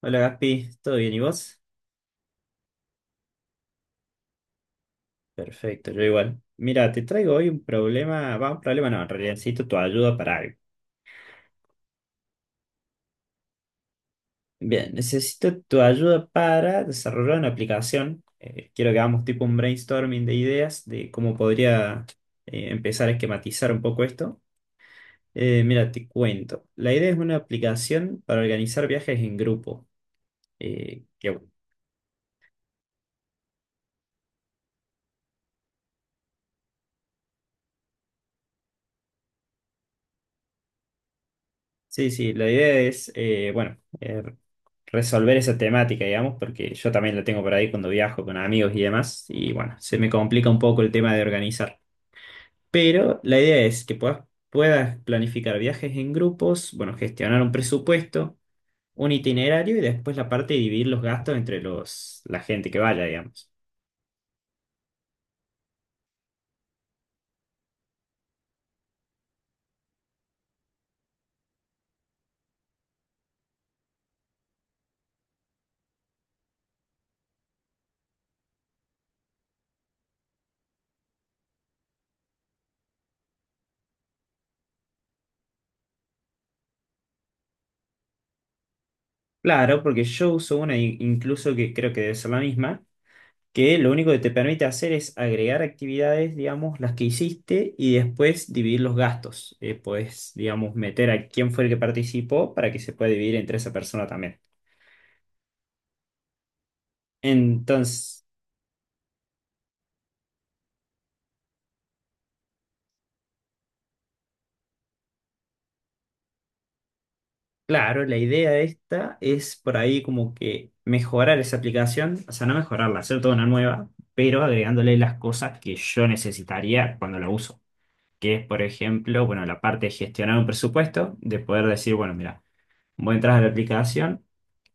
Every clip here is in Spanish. Hola Gaspi, ¿todo bien y vos? Perfecto, yo igual. Mira, te traigo hoy un problema, va, un problema no, en realidad necesito tu ayuda para algo. Bien, necesito tu ayuda para desarrollar una aplicación. Quiero que hagamos tipo un brainstorming de ideas de cómo podría empezar a esquematizar un poco esto. Mira, te cuento. La idea es una aplicación para organizar viajes en grupo, que Sí, sí, la idea es, bueno, resolver esa temática, digamos, porque yo también la tengo por ahí cuando viajo con amigos y demás, y bueno, se me complica un poco el tema de organizar. Pero la idea es que puedas planificar viajes en grupos, bueno, gestionar un presupuesto, un itinerario y después la parte de dividir los gastos entre la gente que vaya, digamos. Claro, porque yo uso una incluso que creo que debe ser la misma que lo único que te permite hacer es agregar actividades, digamos, las que hiciste y después dividir los gastos. Puedes, digamos, meter a quién fue el que participó para que se pueda dividir entre esa persona también. Entonces, claro, la idea de esta es por ahí como que mejorar esa aplicación, o sea, no mejorarla, hacer toda una nueva, pero agregándole las cosas que yo necesitaría cuando la uso. Que es, por ejemplo, bueno, la parte de gestionar un presupuesto, de poder decir, bueno, mira, vos entras a la aplicación,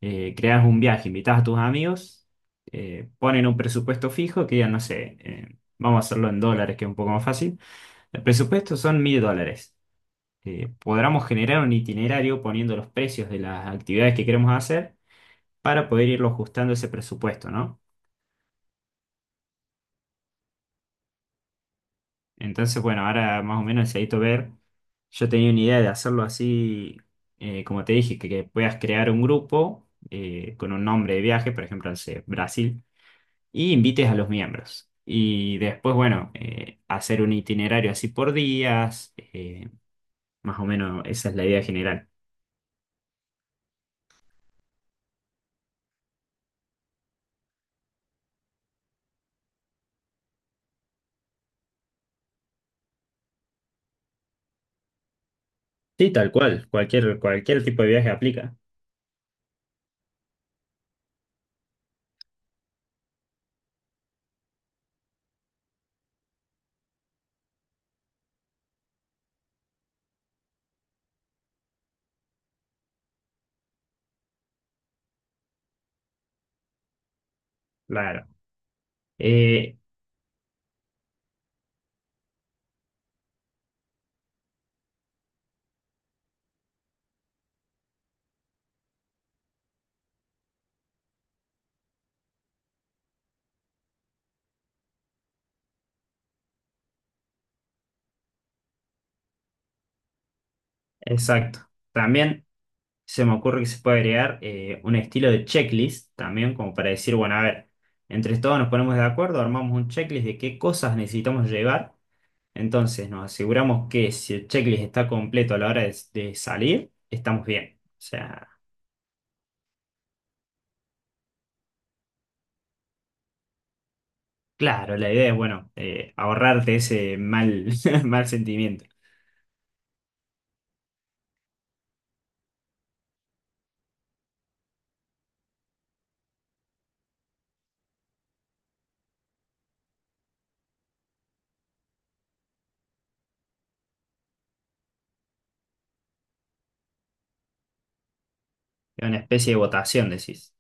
creas un viaje, invitas a tus amigos, ponen un presupuesto fijo que ya no sé, vamos a hacerlo en dólares que es un poco más fácil. El presupuesto son 1000 dólares. Podremos generar un itinerario poniendo los precios de las actividades que queremos hacer para poder irlo ajustando ese presupuesto, ¿no? Entonces, bueno, ahora más o menos necesito ver. Yo tenía una idea de hacerlo así, como te dije, que puedas crear un grupo con un nombre de viaje, por ejemplo, no sé, Brasil. Y invites a los miembros. Y después, bueno, hacer un itinerario así por días, más o menos esa es la idea general. Sí, tal cual, cualquier tipo de viaje aplica. Claro. Eh, exacto. También se me ocurre que se puede agregar un estilo de checklist, también como para decir, bueno, a ver, entre todos nos ponemos de acuerdo, armamos un checklist de qué cosas necesitamos llevar. Entonces nos aseguramos que si el checklist está completo a la hora de salir, estamos bien. O sea, claro, la idea es, bueno, ahorrarte ese mal, mal sentimiento. Es una especie de votación, decís.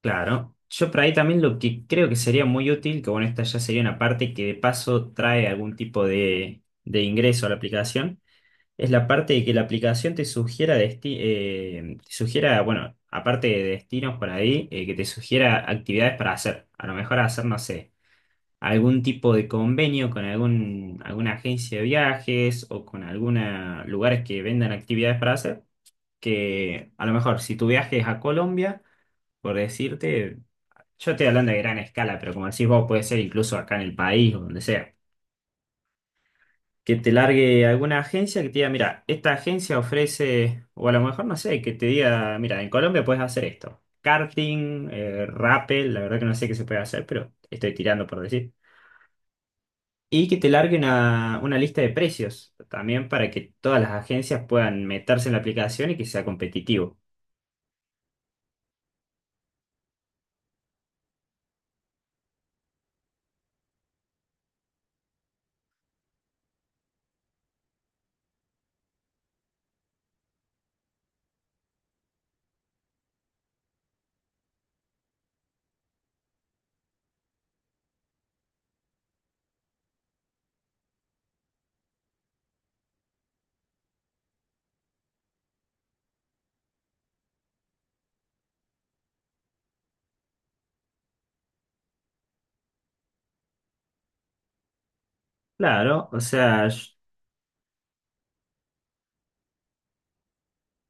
Claro. Yo por ahí también lo que creo que sería muy útil, que bueno, esta ya sería una parte que de paso trae algún tipo de ingreso a la aplicación, es la parte de que la aplicación te sugiera, te sugiera, bueno, aparte de destinos por ahí, que te sugiera actividades para hacer. A lo mejor hacer, no sé, algún tipo de convenio con algún, alguna agencia de viajes o con alguna lugares que vendan actividades para hacer, que a lo mejor si tu viaje es a Colombia, por decirte, yo estoy hablando de gran escala, pero como decís vos, puede ser incluso acá en el país o donde sea. Que te largue alguna agencia que te diga, mira, esta agencia ofrece, o a lo mejor no sé, que te diga, mira, en Colombia puedes hacer esto. Karting, rappel, la verdad que no sé qué se puede hacer, pero estoy tirando por decir. Y que te largue una lista de precios también para que todas las agencias puedan meterse en la aplicación y que sea competitivo. Claro, o sea,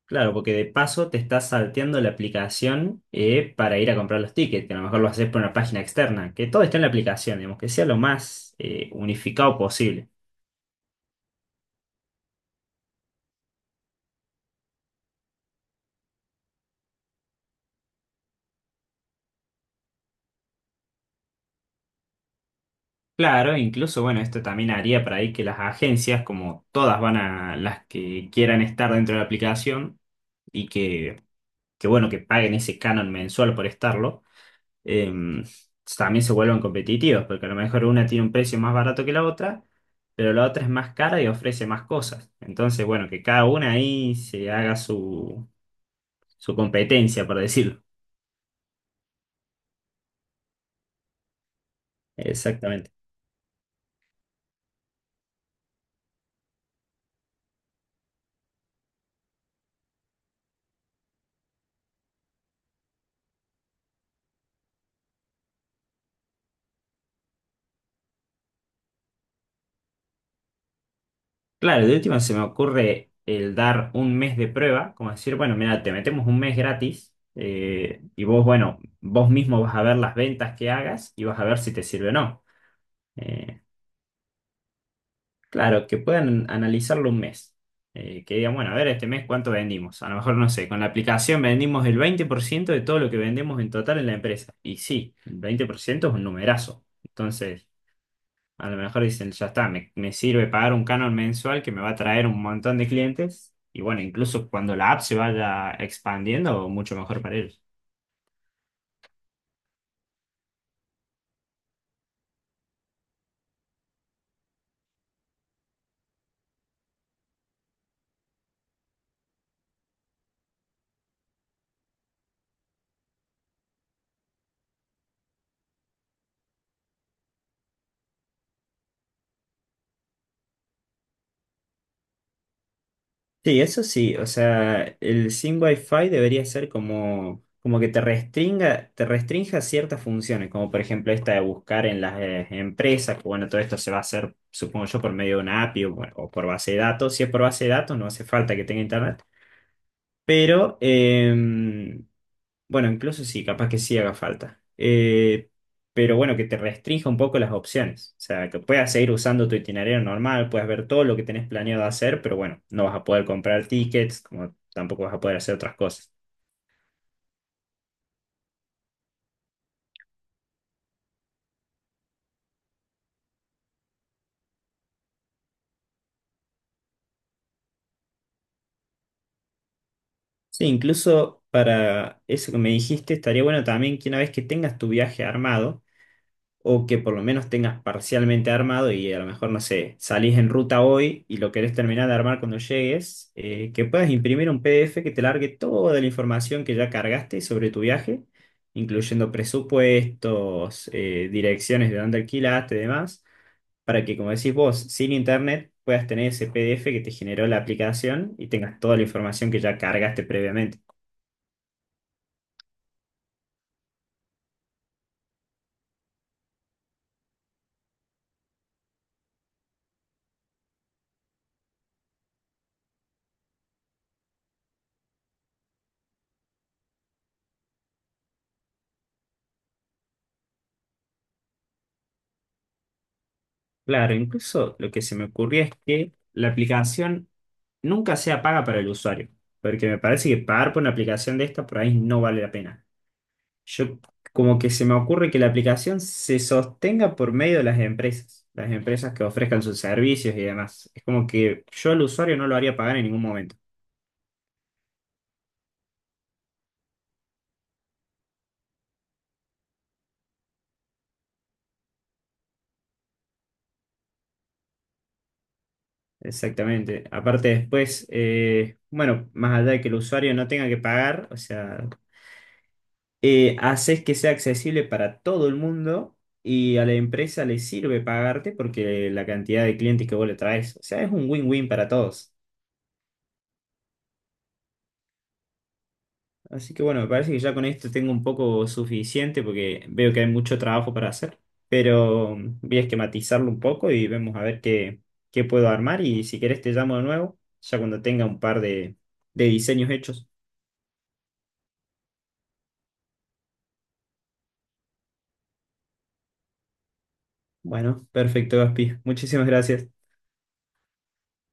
claro, porque de paso te estás salteando la aplicación para ir a comprar los tickets, que a lo mejor lo haces por una página externa, que todo está en la aplicación, digamos, que sea lo más unificado posible. Claro, incluso, bueno, esto también haría para ahí que las agencias, como todas van a las que quieran estar dentro de la aplicación y que bueno, que paguen ese canon mensual por estarlo, em, también se vuelvan competitivos, porque a lo mejor una tiene un precio más barato que la otra, pero la otra es más cara y ofrece más cosas. Entonces, bueno, que cada una ahí se haga su, su competencia, por decirlo. Exactamente. Claro, de última se me ocurre el dar un mes de prueba, como decir, bueno, mira, te metemos un mes gratis y vos, bueno, vos mismo vas a ver las ventas que hagas y vas a ver si te sirve o no. Eh, claro, que puedan analizarlo un mes. Que digan, bueno, a ver, este mes cuánto vendimos. A lo mejor, no sé, con la aplicación vendimos el 20% de todo lo que vendemos en total en la empresa. Y sí, el 20% es un numerazo. Entonces, a lo mejor dicen, ya está, me sirve pagar un canon mensual que me va a traer un montón de clientes. Y bueno, incluso cuando la app se vaya expandiendo, mucho mejor para ellos. Sí, eso sí, o sea, el sin Wi-Fi debería ser como, como que te restringa, te restrinja ciertas funciones, como por ejemplo esta de buscar en las empresas, que bueno, todo esto se va a hacer, supongo yo, por medio de una API o, bueno, o por base de datos. Si es por base de datos, no hace falta que tenga internet, pero bueno, incluso sí, capaz que sí haga falta. Pero bueno, que te restrinja un poco las opciones. O sea, que puedas seguir usando tu itinerario normal, puedas ver todo lo que tenés planeado hacer, pero bueno, no vas a poder comprar tickets, como tampoco vas a poder hacer otras cosas. Sí, incluso para eso que me dijiste, estaría bueno también que una vez que tengas tu viaje armado, o que por lo menos tengas parcialmente armado y a lo mejor, no sé, salís en ruta hoy y lo querés terminar de armar cuando llegues, que puedas imprimir un PDF que te largue toda la información que ya cargaste sobre tu viaje, incluyendo presupuestos, direcciones de dónde alquilaste y demás, para que, como decís vos, sin internet puedas tener ese PDF que te generó la aplicación y tengas toda la información que ya cargaste previamente. Claro, incluso lo que se me ocurría es que la aplicación nunca sea paga para el usuario, porque me parece que pagar por una aplicación de esta por ahí no vale la pena. Yo como que se me ocurre que la aplicación se sostenga por medio de las empresas que ofrezcan sus servicios y demás. Es como que yo al usuario no lo haría pagar en ningún momento. Exactamente. Aparte después, bueno, más allá de que el usuario no tenga que pagar, o sea, haces que sea accesible para todo el mundo y a la empresa le sirve pagarte porque la cantidad de clientes que vos le traes, o sea, es un win-win para todos. Así que bueno, me parece que ya con esto tengo un poco suficiente porque veo que hay mucho trabajo para hacer, pero voy a esquematizarlo un poco y vemos a ver qué, qué puedo armar y si querés te llamo de nuevo, ya cuando tenga un par de diseños hechos. Bueno, perfecto, Gaspi. Muchísimas gracias.